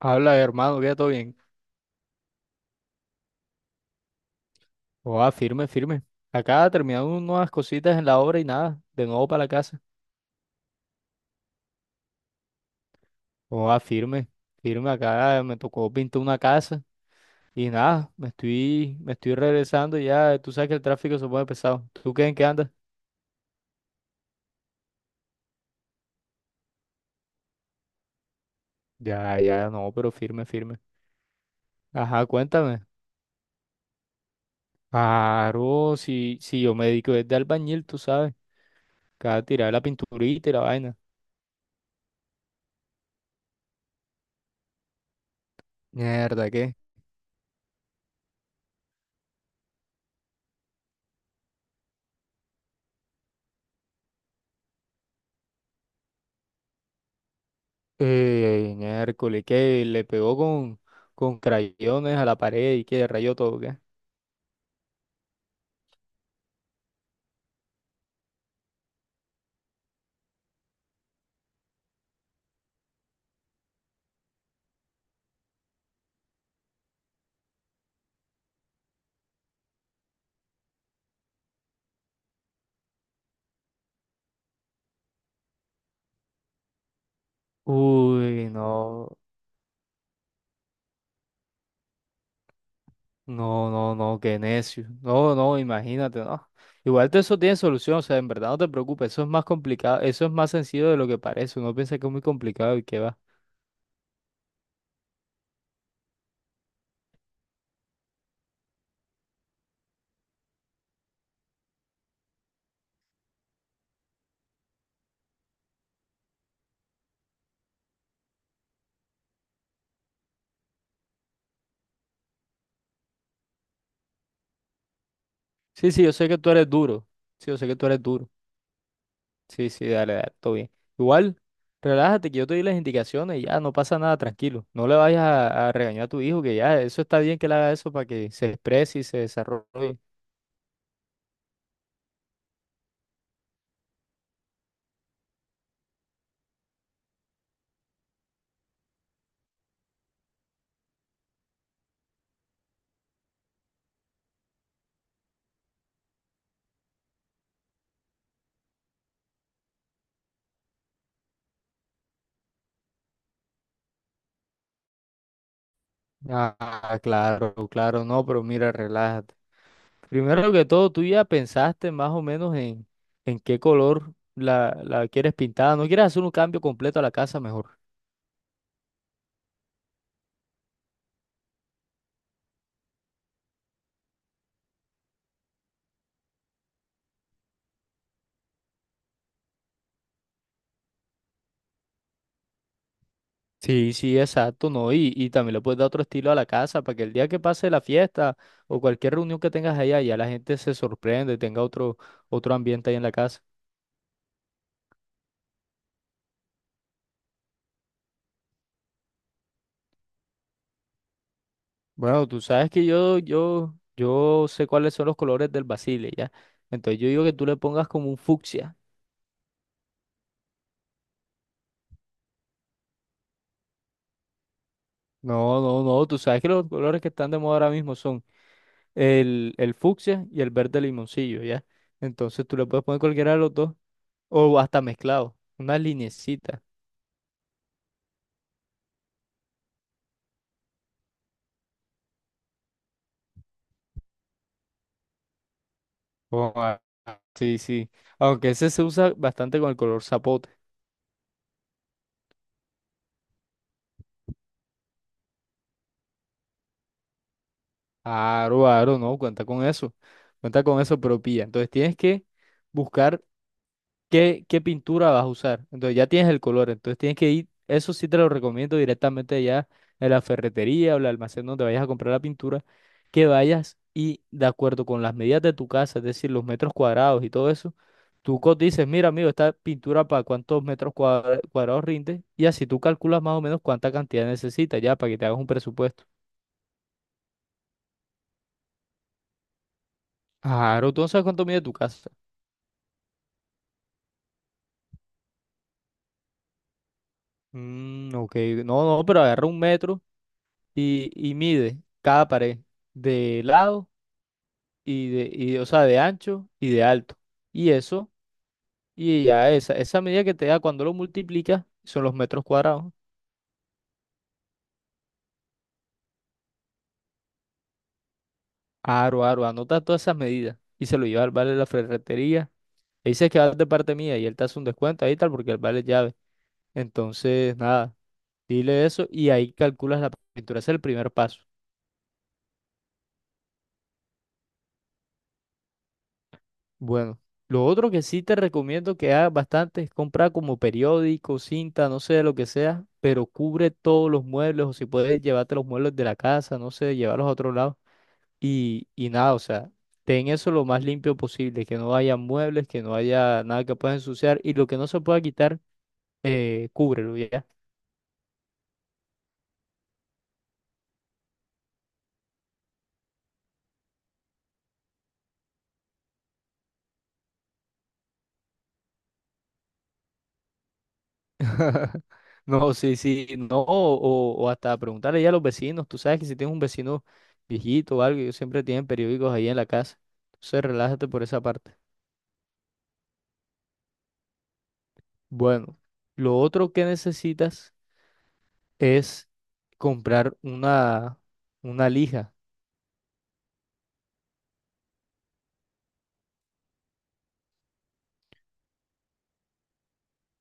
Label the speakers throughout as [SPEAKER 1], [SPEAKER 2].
[SPEAKER 1] Habla, hermano, queda todo bien. Oa, firme, firme. Acá terminando unas cositas en la obra y nada, de nuevo para la casa. Oa, firme, firme. Acá me tocó pintar una casa y nada, me estoy regresando ya. Tú sabes que el tráfico se pone pesado. ¿Tú qué en qué andas? Ya, ya, no, pero firme, firme. Ajá, cuéntame. Claro, si, si yo me dedico desde albañil, tú sabes. Cada tirar la pinturita y la vaina. Mierda, ¿qué? En Hércules, que le pegó con crayones a la pared y que rayó todo, ¿qué? Uy, no, no, no, no, qué necio. No, no, imagínate, no. Igual todo eso tiene solución, o sea, en verdad no te preocupes, eso es más complicado, eso es más sencillo de lo que parece. Uno piensa que es muy complicado y que va. Sí, sí, yo sé que tú eres duro. Sí, yo sé que tú eres duro. Sí, sí, dale, dale, todo bien. Igual, relájate que yo te doy las indicaciones y ya no pasa nada, tranquilo. No le vayas a regañar a tu hijo, que ya eso está bien que le haga eso para que se exprese y se desarrolle. Ah, claro, claro, no, pero mira, relájate. Primero que todo, tú ya pensaste más o menos en qué color la quieres pintada. ¿No quieres hacer un cambio completo a la casa mejor? Sí, sí, exacto, ¿no? Y también le puedes dar otro estilo a la casa para que el día que pase la fiesta o cualquier reunión que tengas allá, ya la gente se sorprende, tenga otro, ambiente ahí en la casa. Bueno, tú sabes que yo sé cuáles son los colores del basile, ¿ya? Entonces yo digo que tú le pongas como un fucsia. No, no, no, tú sabes que los colores que están de moda ahora mismo son el fucsia y el verde limoncillo, ¿ya? Entonces tú le puedes poner cualquiera de los dos o hasta mezclado, una linecita. Oh, ah, ah, sí, sí. Aunque ese se usa bastante con el color zapote. Aro, aro, no, cuenta con eso. Cuenta con eso, pero pilla. Entonces tienes que buscar qué pintura vas a usar. Entonces ya tienes el color. Entonces tienes que ir, eso sí te lo recomiendo directamente ya en la ferretería o el almacén donde vayas a comprar la pintura, que vayas y de acuerdo con las medidas de tu casa, es decir, los metros cuadrados y todo eso. Tú dices: mira, amigo, esta pintura para cuántos metros cuadrados rinde, y así tú calculas más o menos cuánta cantidad necesitas ya para que te hagas un presupuesto. Claro, tú no sabes cuánto mide tu casa. Mm, ok, no, no, pero agarra un metro y, mide cada pared de lado y de, y, o sea, de ancho y de alto. Y eso, y ya esa medida que te da cuando lo multiplicas son los metros cuadrados. Aro, aro, anota todas esas medidas y se lo lleva al vale de la ferretería. Le dices que vas de parte mía y él te hace un descuento ahí y tal porque él vale llave. Entonces, nada, dile eso y ahí calculas la pintura. Ese es el primer paso. Bueno, lo otro que sí te recomiendo que hagas bastante es comprar como periódico, cinta, no sé, lo que sea, pero cubre todos los muebles o si puedes llevarte los muebles de la casa, no sé, llevarlos a otro lado. Y nada, o sea, ten eso lo más limpio posible, que no haya muebles, que no haya nada que puedas ensuciar y lo que no se pueda quitar, cúbrelo ya. No, sí, sí, no, o, hasta preguntarle ya a los vecinos. Tú sabes que si tienes un vecino viejito o algo, ellos siempre tienen periódicos ahí en la casa. Entonces, relájate por esa parte. Bueno, lo otro que necesitas es comprar una lija.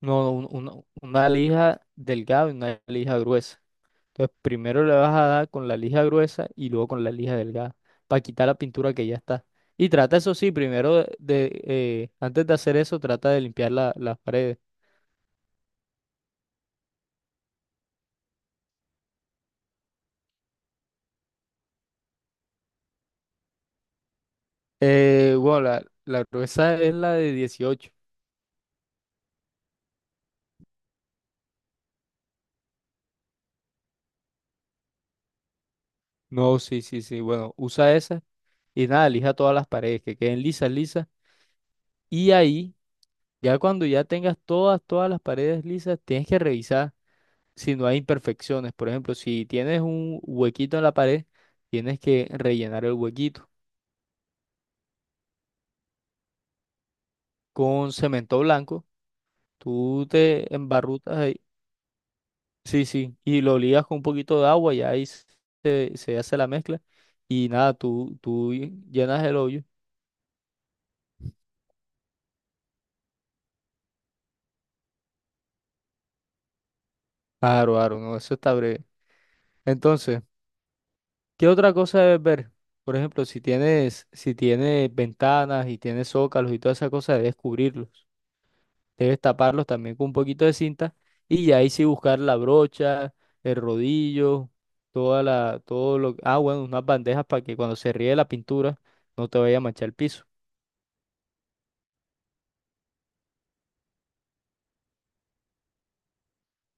[SPEAKER 1] No, una lija delgada y una lija gruesa. Entonces, primero le vas a dar con la lija gruesa y luego con la lija delgada para quitar la pintura que ya está. Y trata, eso sí, primero de antes de hacer eso, trata de limpiar las paredes. Bueno, la, gruesa es la de 18. No, sí, sí, sí. Bueno, usa esa y nada, lija todas las paredes, que queden lisas, lisas. Y ahí, ya cuando ya tengas todas las paredes lisas, tienes que revisar si no hay imperfecciones. Por ejemplo, si tienes un huequito en la pared, tienes que rellenar el huequito. Con cemento blanco. Tú te embarrutas ahí. Sí, sí. Y lo ligas con un poquito de agua y ahí se, se hace la mezcla. Y nada, tú llenas el hoyo. Claro, claro, no, eso está breve. Entonces, ¿qué otra cosa debes ver? Por ejemplo, si tienes ventanas y tienes zócalos y toda esa cosa, debes cubrirlos. Debes taparlos también con un poquito de cinta y ya ahí sí buscar la brocha, el rodillo, toda la, todo lo, bueno, unas bandejas para que cuando se ríe la pintura no te vaya a manchar el piso.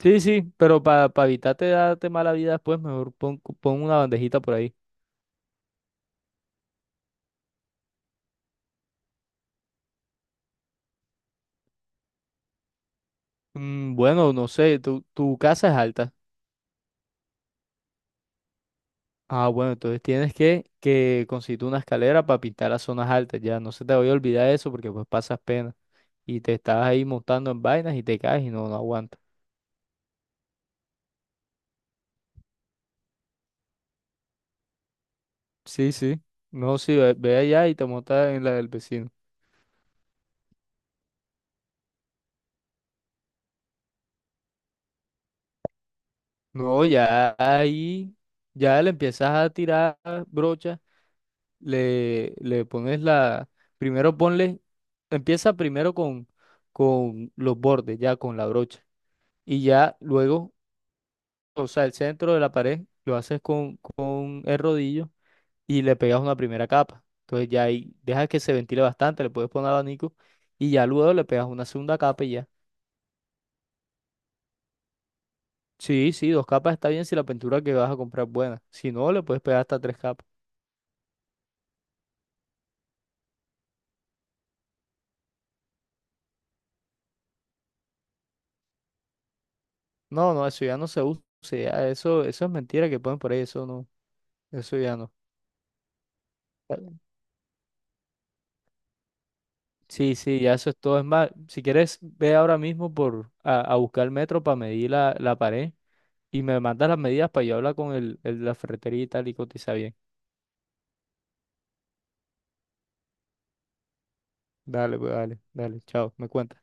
[SPEAKER 1] Sí, sí, pero para evitarte darte mala vida después, mejor pon, una bandejita por ahí. Mm, bueno, no sé, tu casa es alta. Ah, bueno, entonces tienes que conseguir una escalera para pintar las zonas altas, ya no se te vaya a olvidar eso porque pues pasas pena y te estás ahí montando en vainas y te caes y no, no aguantas. Sí, sí. No, sí, ve, ve allá y te montas en la del vecino. No, ya ahí, ya le empiezas a tirar brocha, le, pones la, primero ponle, empieza primero con los bordes, ya con la brocha. Y ya luego, o sea, el centro de la pared lo haces con el rodillo y le pegas una primera capa. Entonces ya ahí dejas que se ventile bastante, le puedes poner abanico y ya luego le pegas una segunda capa y... Sí, sí, dos capas está bien si la pintura que vas a comprar es buena. Si no, le puedes pegar hasta tres capas. No, no, eso ya no se usa. Ya eso, es mentira que ponen por ahí. Eso no, eso ya no. Sí, sí, ya eso es todo. Es más, si quieres, ve ahora mismo por a buscar el metro para medir la, pared y me mandas las medidas para yo hablar con la ferretería y tal y cotiza bien. Dale, pues dale, dale, chao, me cuentas.